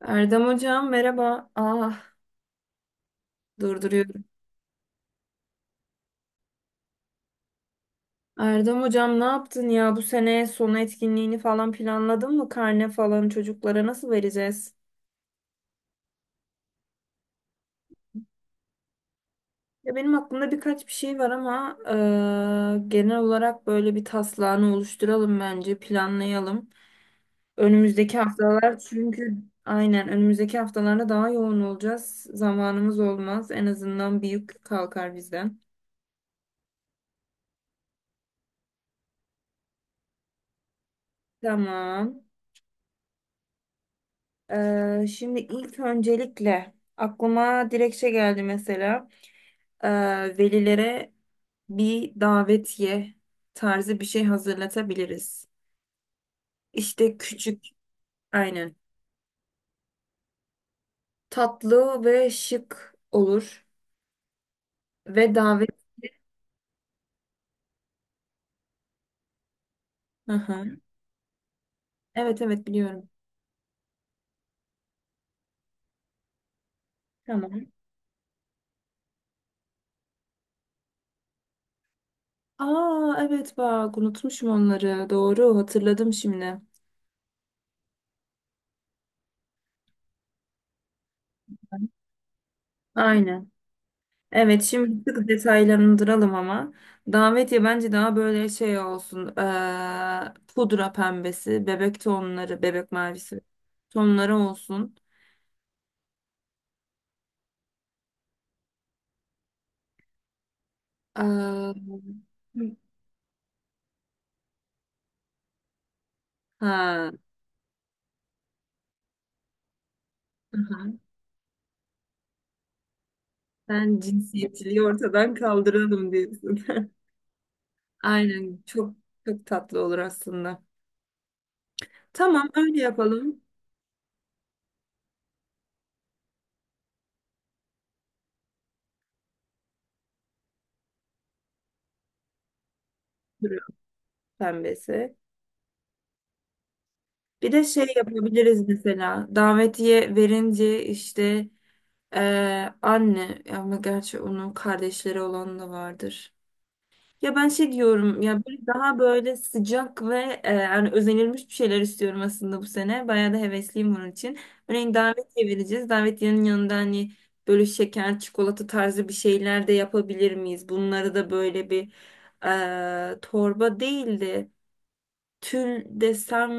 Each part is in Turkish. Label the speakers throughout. Speaker 1: Erdem hocam merhaba. Ah durduruyorum. Erdem hocam ne yaptın ya bu sene sonu etkinliğini falan planladın mı? Karne falan çocuklara nasıl vereceğiz? Ya benim aklımda birkaç bir şey var ama genel olarak böyle bir taslağını oluşturalım, bence planlayalım. Önümüzdeki haftalar çünkü aynen önümüzdeki haftalarda daha yoğun olacağız. Zamanımız olmaz. En azından bir yük kalkar bizden. Tamam. Şimdi ilk öncelikle aklıma direkt şey geldi, mesela Ee, velilere bir davetiye tarzı bir şey hazırlatabiliriz. İşte küçük, aynen, tatlı ve şık olur ve davet. Hı hı. Evet evet, biliyorum. Tamam. Aa evet, bak unutmuşum onları, doğru hatırladım şimdi. Aynen. Evet, şimdi bir tık detaylandıralım ama. Davetiye bence daha böyle şey olsun. Pudra pembesi, bebek tonları, bebek mavisi tonları olsun. Eee, ha, aha. Sen cinsiyetçiliği ortadan kaldıralım diyorsun. Aynen, çok çok tatlı olur aslında. Tamam, öyle yapalım. Duruyor pembesi. Bir de şey yapabiliriz, mesela davetiye verince işte anne, ama gerçi onun kardeşleri olan da vardır. Ya ben şey diyorum ya, böyle daha böyle sıcak ve yani özenilmiş bir şeyler istiyorum aslında bu sene. Bayağı da hevesliyim bunun için. Örneğin davetiye vereceğiz. Davetiyenin yanında hani böyle şeker, çikolata tarzı bir şeyler de yapabilir miyiz? Bunları da böyle bir torba değil de tül desem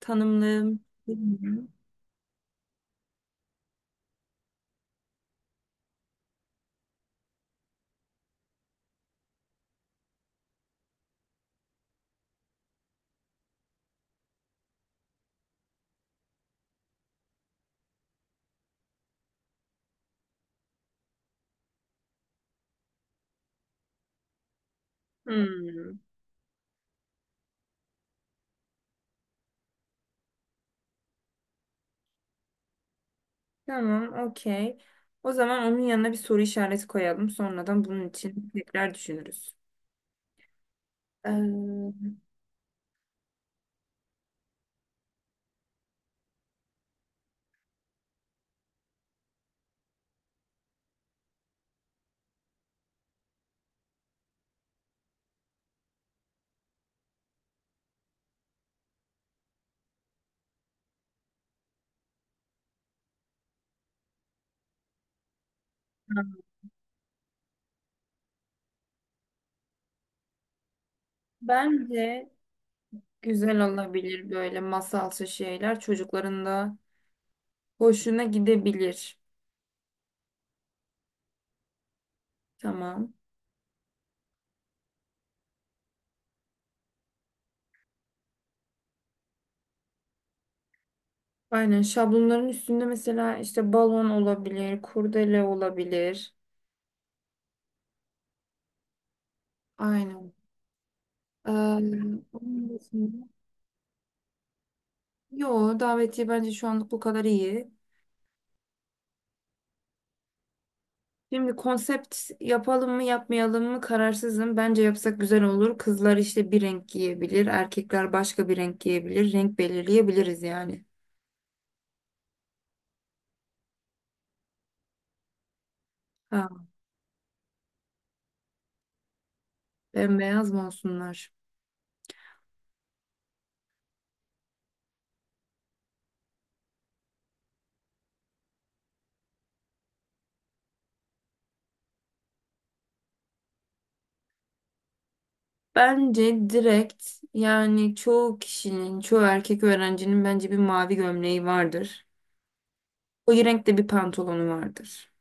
Speaker 1: tanımlayayım. Bilmiyorum. Hmm. Tamam, okey. O zaman onun yanına bir soru işareti koyalım. Sonradan bunun için tekrar düşünürüz. Ee, Bence güzel olabilir böyle masalsı şeyler. Çocukların da hoşuna gidebilir. Tamam. Aynen, şablonların üstünde mesela işte balon olabilir, kurdele olabilir. Aynen. Ee, onun dışında- Yo, davetiye bence şu anlık bu kadar iyi. Şimdi konsept yapalım mı yapmayalım mı kararsızım. Bence yapsak güzel olur. Kızlar işte bir renk giyebilir, erkekler başka bir renk giyebilir. Renk belirleyebiliriz yani. Ha, bembeyaz mı olsunlar? Bence direkt yani çoğu kişinin, çoğu erkek öğrencinin bence bir mavi gömleği vardır. O renkte bir pantolonu vardır.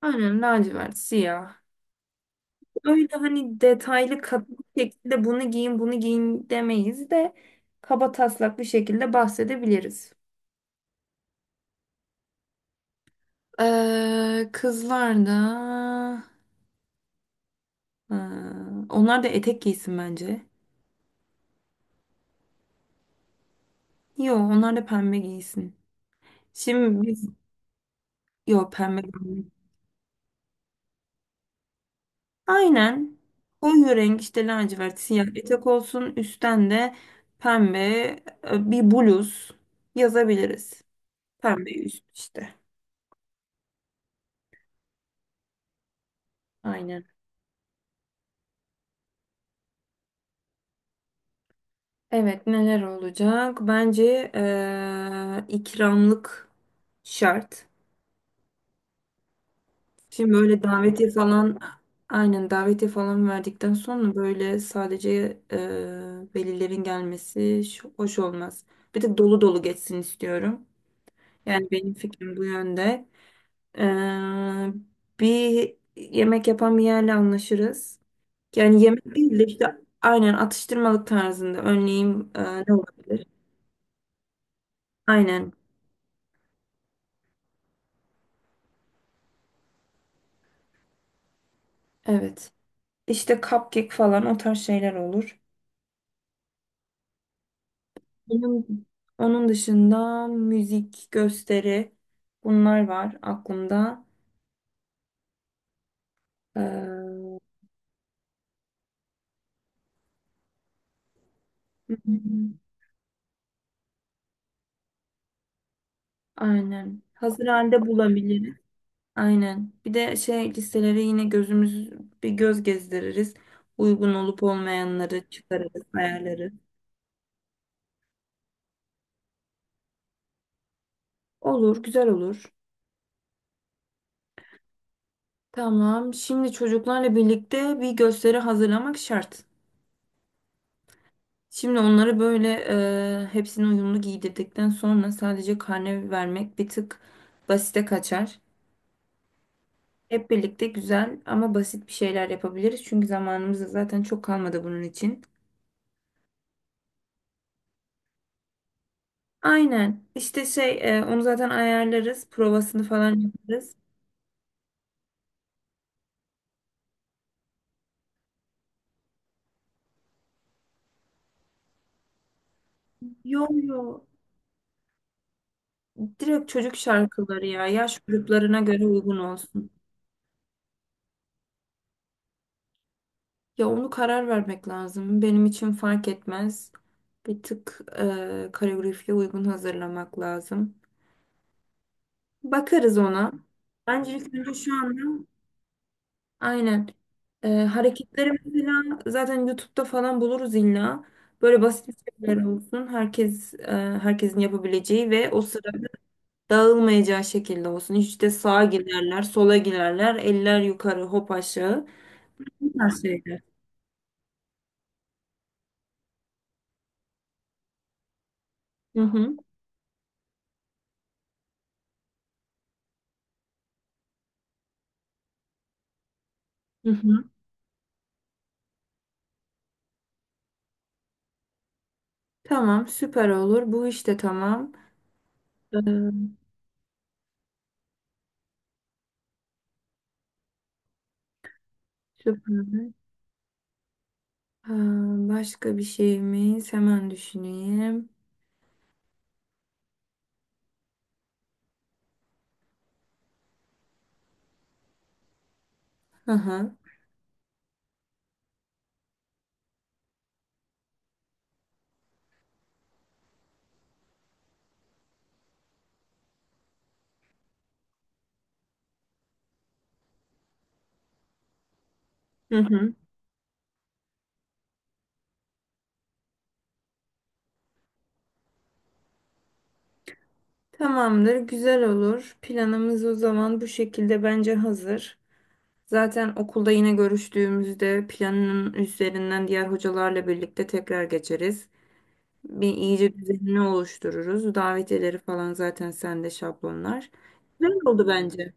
Speaker 1: Aynen, lacivert, siyah. Öyle hani detaylı katlı bir şekilde bunu giyin, bunu giyin demeyiz de kaba taslak bir şekilde bahsedebiliriz. Kızlar da Ee, onlar da etek giysin bence. Yo, onlar da pembe giysin. Şimdi biz yo pembe giymeyiz. Aynen. Koyu renk işte, lacivert siyah etek olsun. Üstten de pembe bir bluz yazabiliriz. Pembe üst işte. Aynen. Evet, neler olacak? Bence ikramlık şart. Şimdi böyle davetiye falan, aynen davetiye falan verdikten sonra böyle sadece e, velilerin gelmesi hoş olmaz. Bir de dolu dolu geçsin istiyorum. Yani benim fikrim bu yönde. E, Bir yemek yapan bir yerle anlaşırız. Yani yemek değil de işte aynen atıştırmalık tarzında, örneğin ne olabilir? Aynen evet. İşte cupcake falan, o tarz şeyler olur. Onun, onun dışında müzik, gösteri, bunlar var aklımda. Hı hı. Aynen. Hazır halde bulabiliriz. Aynen. Bir de şey listelere yine gözümüz bir göz gezdiririz. Uygun olup olmayanları çıkarırız, ayarlarız. Olur, güzel olur. Tamam. Şimdi çocuklarla birlikte bir gösteri hazırlamak şart. Şimdi onları böyle hepsini uyumlu giydirdikten sonra sadece karne vermek bir tık basite kaçar. Hep birlikte güzel ama basit bir şeyler yapabiliriz. Çünkü zamanımız da zaten çok kalmadı bunun için. Aynen. İşte şey onu zaten ayarlarız. Provasını falan yaparız. Yo yo. Direkt çocuk şarkıları ya. Yaş gruplarına göre uygun olsun. Ya onu karar vermek lazım. Benim için fark etmez. Bir tık koreografiye uygun hazırlamak lazım. Bakarız ona. Bence ilk önce şu anda aynen. Hareketleri mesela zaten YouTube'da falan buluruz illa. Böyle basit bir şeyler olsun. Herkes herkesin yapabileceği ve o sıra dağılmayacağı şekilde olsun. Hiç de sağa girerler, sola girerler, eller yukarı, hop aşağı. Bu tarz şeyler. Hı hı. Hı hı. Tamam, süper olur. Bu işte tamam. Ee, Süper. Ha, başka bir şeyimiz, hemen düşüneyim. Hı hı. Hı hı. Tamamdır, güzel olur. Planımız o zaman bu şekilde bence hazır. Zaten okulda yine görüştüğümüzde planın üzerinden diğer hocalarla birlikte tekrar geçeriz. Bir iyice düzenini oluştururuz. Davetiyeleri falan zaten sende şablonlar. Güzel oldu bence.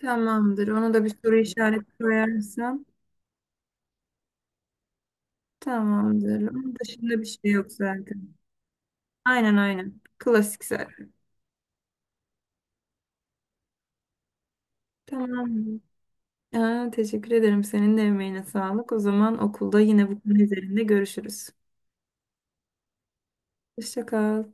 Speaker 1: Tamamdır. Ona da bir soru işareti koyarsan. Tamamdır. Onun dışında bir şey yok zaten. Aynen aynen. Klasik zaten. Tamam. Aa, teşekkür ederim. Senin de emeğine sağlık. O zaman okulda yine bu konu üzerinde görüşürüz. Hoşça kal.